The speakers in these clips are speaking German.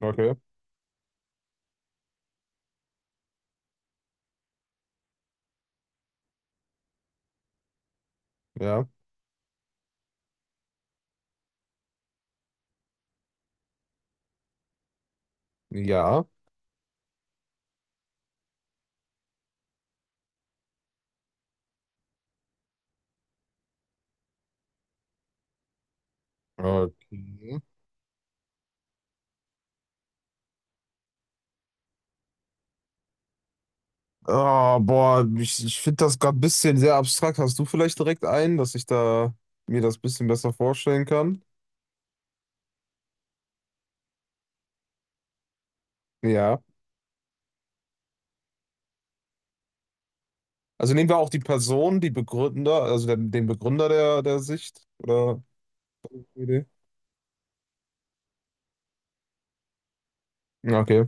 Okay, ja, ja. Okay. Oh, boah, ich finde das gerade ein bisschen sehr abstrakt. Hast du vielleicht direkt einen, dass ich da mir das ein bisschen besser vorstellen kann? Ja. Also nehmen wir auch die Person, die Begründer, also den Begründer der Sicht oder Idee. Okay,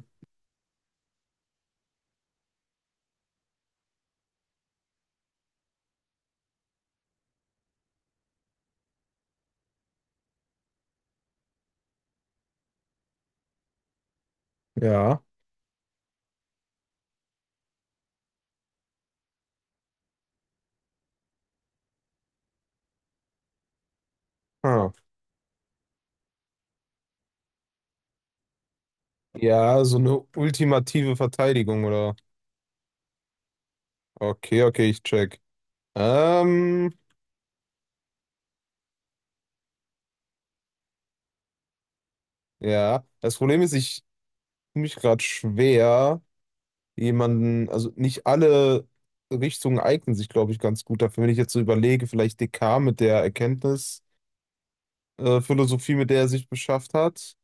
ja. Ah. Ja, so eine ultimative Verteidigung oder? Okay, okay, ich check. Ähm, ja. Das Problem ist, ich tue mich gerade schwer. Jemanden, also nicht alle Richtungen eignen sich, glaube ich, ganz gut dafür. Wenn ich jetzt so überlege, vielleicht Descartes mit der Erkenntnisphilosophie, Philosophie, mit der er sich beschäftigt hat.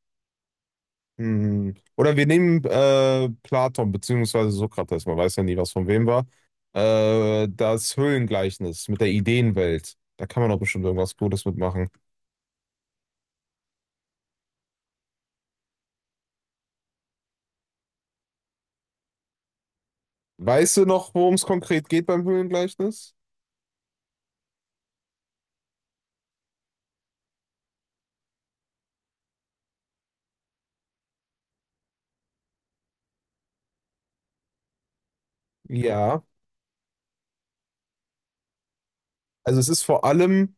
Hm. Oder wir nehmen Platon beziehungsweise Sokrates, man weiß ja nie, was von wem war. Das Höhlengleichnis mit der Ideenwelt. Da kann man doch bestimmt irgendwas Gutes mitmachen. Weißt du noch, worum es konkret geht beim Höhlengleichnis? Ja. Also es ist vor allem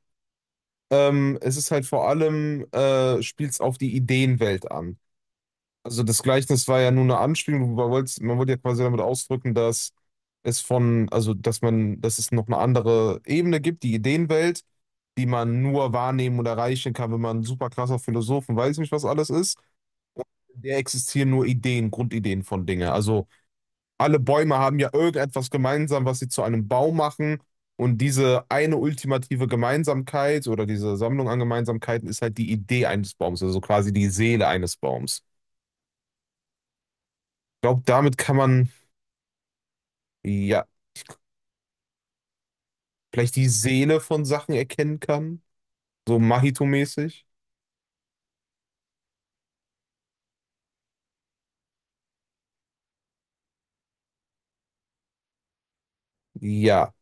Es ist halt vor allem, spielt es auf die Ideenwelt an. Also das Gleichnis war ja nur eine Anspielung, man wollte ja quasi damit ausdrücken, dass es von, also dass man, dass es noch eine andere Ebene gibt, die Ideenwelt, die man nur wahrnehmen und erreichen kann, wenn man ein super krasser Philosoph und weiß nicht, was alles ist. Der existieren nur Ideen, Grundideen von Dingen. Also alle Bäume haben ja irgendetwas gemeinsam, was sie zu einem Baum machen. Und diese eine ultimative Gemeinsamkeit oder diese Sammlung an Gemeinsamkeiten ist halt die Idee eines Baums, also quasi die Seele eines Baums. Ich glaube, damit kann man, ja, vielleicht die Seele von Sachen erkennen kann. So Mahito-mäßig. Ja.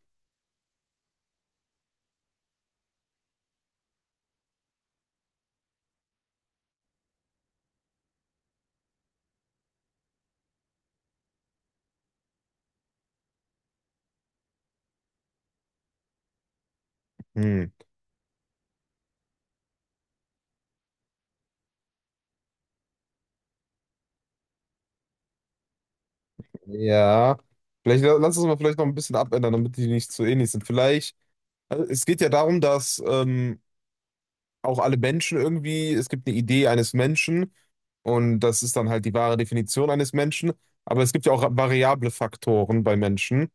Hm. Ja. Vielleicht lass uns mal vielleicht noch ein bisschen abändern, damit die nicht so ähnlich sind. Vielleicht, also es geht ja darum, dass auch alle Menschen irgendwie, es gibt eine Idee eines Menschen und das ist dann halt die wahre Definition eines Menschen, aber es gibt ja auch variable Faktoren bei Menschen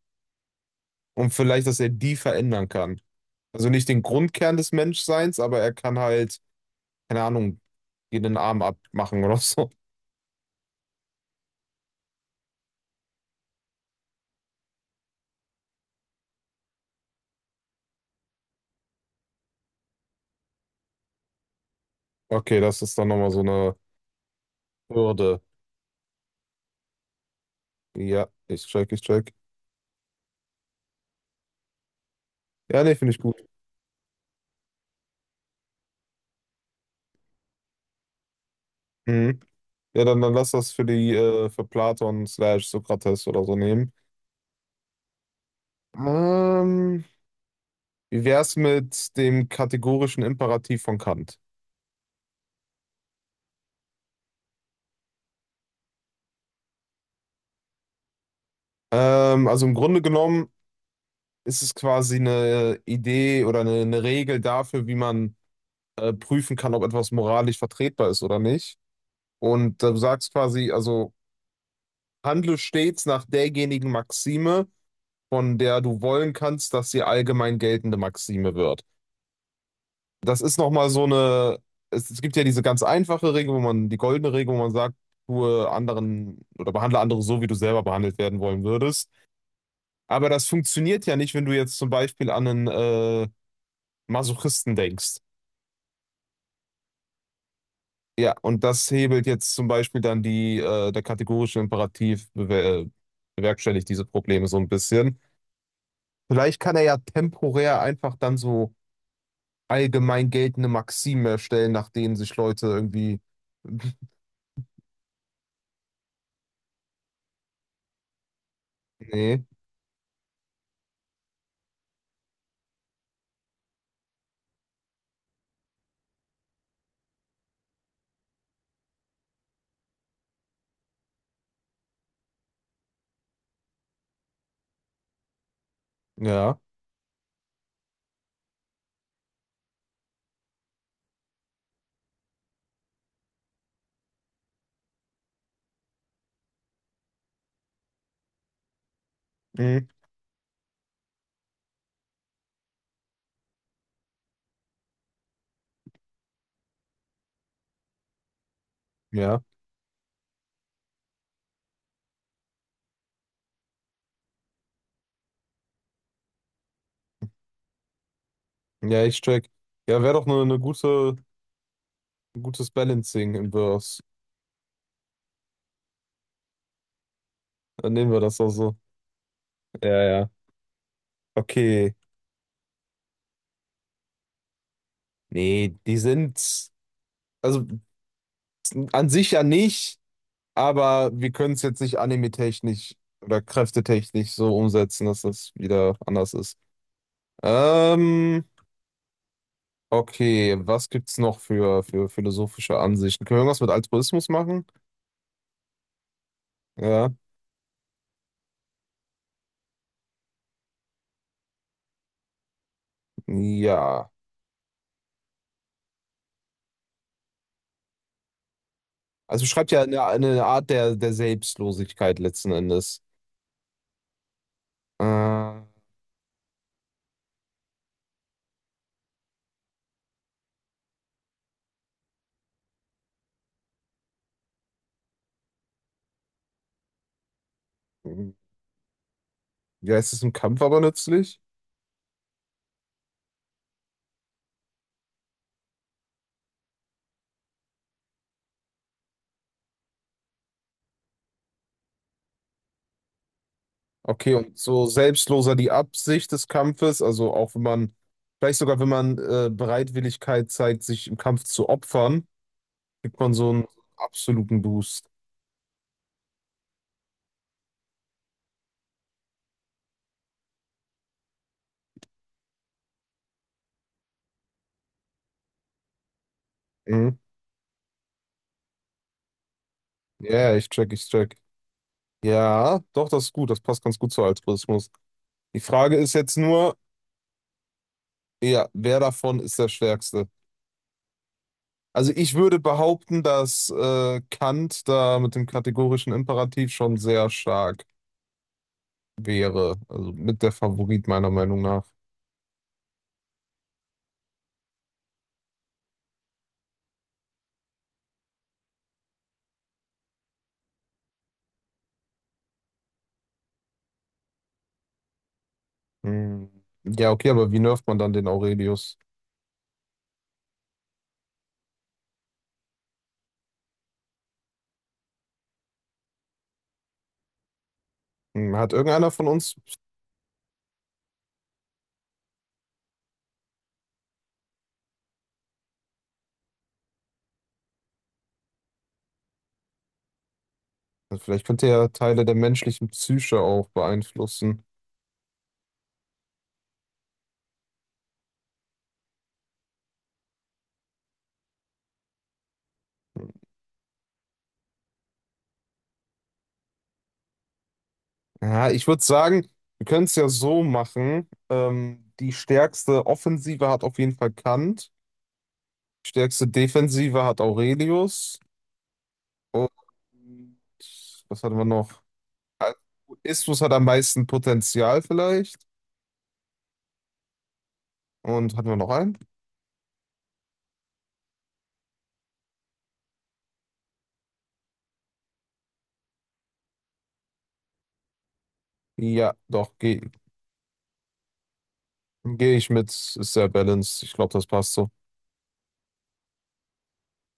und vielleicht, dass er die verändern kann. Also nicht den Grundkern des Menschseins, aber er kann halt, keine Ahnung, dir den Arm abmachen oder so. Okay, das ist dann nochmal so eine Hürde. Ja, ich check, ich check. Ja, nee, finde ich gut. Mhm. Ja, dann lass das für die für Platon slash Sokrates oder so nehmen. Ähm, Wie wär's mit dem kategorischen Imperativ von Kant? Also im Grunde genommen ist es quasi eine Idee oder eine Regel dafür, wie man prüfen kann, ob etwas moralisch vertretbar ist oder nicht. Und du sagst quasi, also handle stets nach derjenigen Maxime, von der du wollen kannst, dass sie allgemein geltende Maxime wird. Das ist nochmal so eine, es gibt ja diese ganz einfache Regel, wo man, die goldene Regel, wo man sagt, tue anderen oder behandle andere so, wie du selber behandelt werden wollen würdest. Aber das funktioniert ja nicht, wenn du jetzt zum Beispiel an einen Masochisten denkst. Ja, und das hebelt jetzt zum Beispiel dann die, der kategorische Imperativ bewerkstelligt diese Probleme so ein bisschen. Vielleicht kann er ja temporär einfach dann so allgemein geltende Maximen erstellen, nach denen sich Leute irgendwie. Nee, ja, mhm. Ja, ja, ich check. Ja, wäre doch nur eine gute, ein gutes Balancing im Verse. Dann nehmen wir das auch so. Ja, ja. Okay. Nee, die sind, also an sich ja nicht, aber wir können es jetzt nicht anime-technisch oder kräftetechnisch so umsetzen, dass das wieder anders ist. Ähm, okay, was gibt's noch für philosophische Ansichten? Können wir irgendwas mit Altruismus machen? Ja, ja. Also schreibt ja eine Art der Selbstlosigkeit letzten Endes. Ja, es ist im Kampf aber nützlich. Okay, und so selbstloser die Absicht des Kampfes, also auch wenn man, vielleicht sogar wenn man Bereitwilligkeit zeigt, sich im Kampf zu opfern, kriegt man so einen absoluten Boost. Mhm. Ja, ich check, ich check. Ja, doch, das ist gut, das passt ganz gut zu Altruismus. Die Frage ist jetzt nur, ja, wer davon ist der Stärkste? Also ich würde behaupten, dass Kant da mit dem kategorischen Imperativ schon sehr stark wäre, also mit der Favorit meiner Meinung nach. Hm. Ja, okay, aber wie nervt man dann den Aurelius? Hm, Hat irgendeiner von uns, vielleicht könnte er Teile der menschlichen Psyche auch beeinflussen. Ja, ich würde sagen, wir können es ja so machen. Die stärkste Offensive hat auf jeden Fall Kant, die stärkste Defensive hat Aurelius und was hatten wir noch? Istus hat am meisten Potenzial vielleicht. Und hatten wir noch einen? Ja, doch, geh geh ich mit, ist sehr balanced. Ich glaube, das passt so.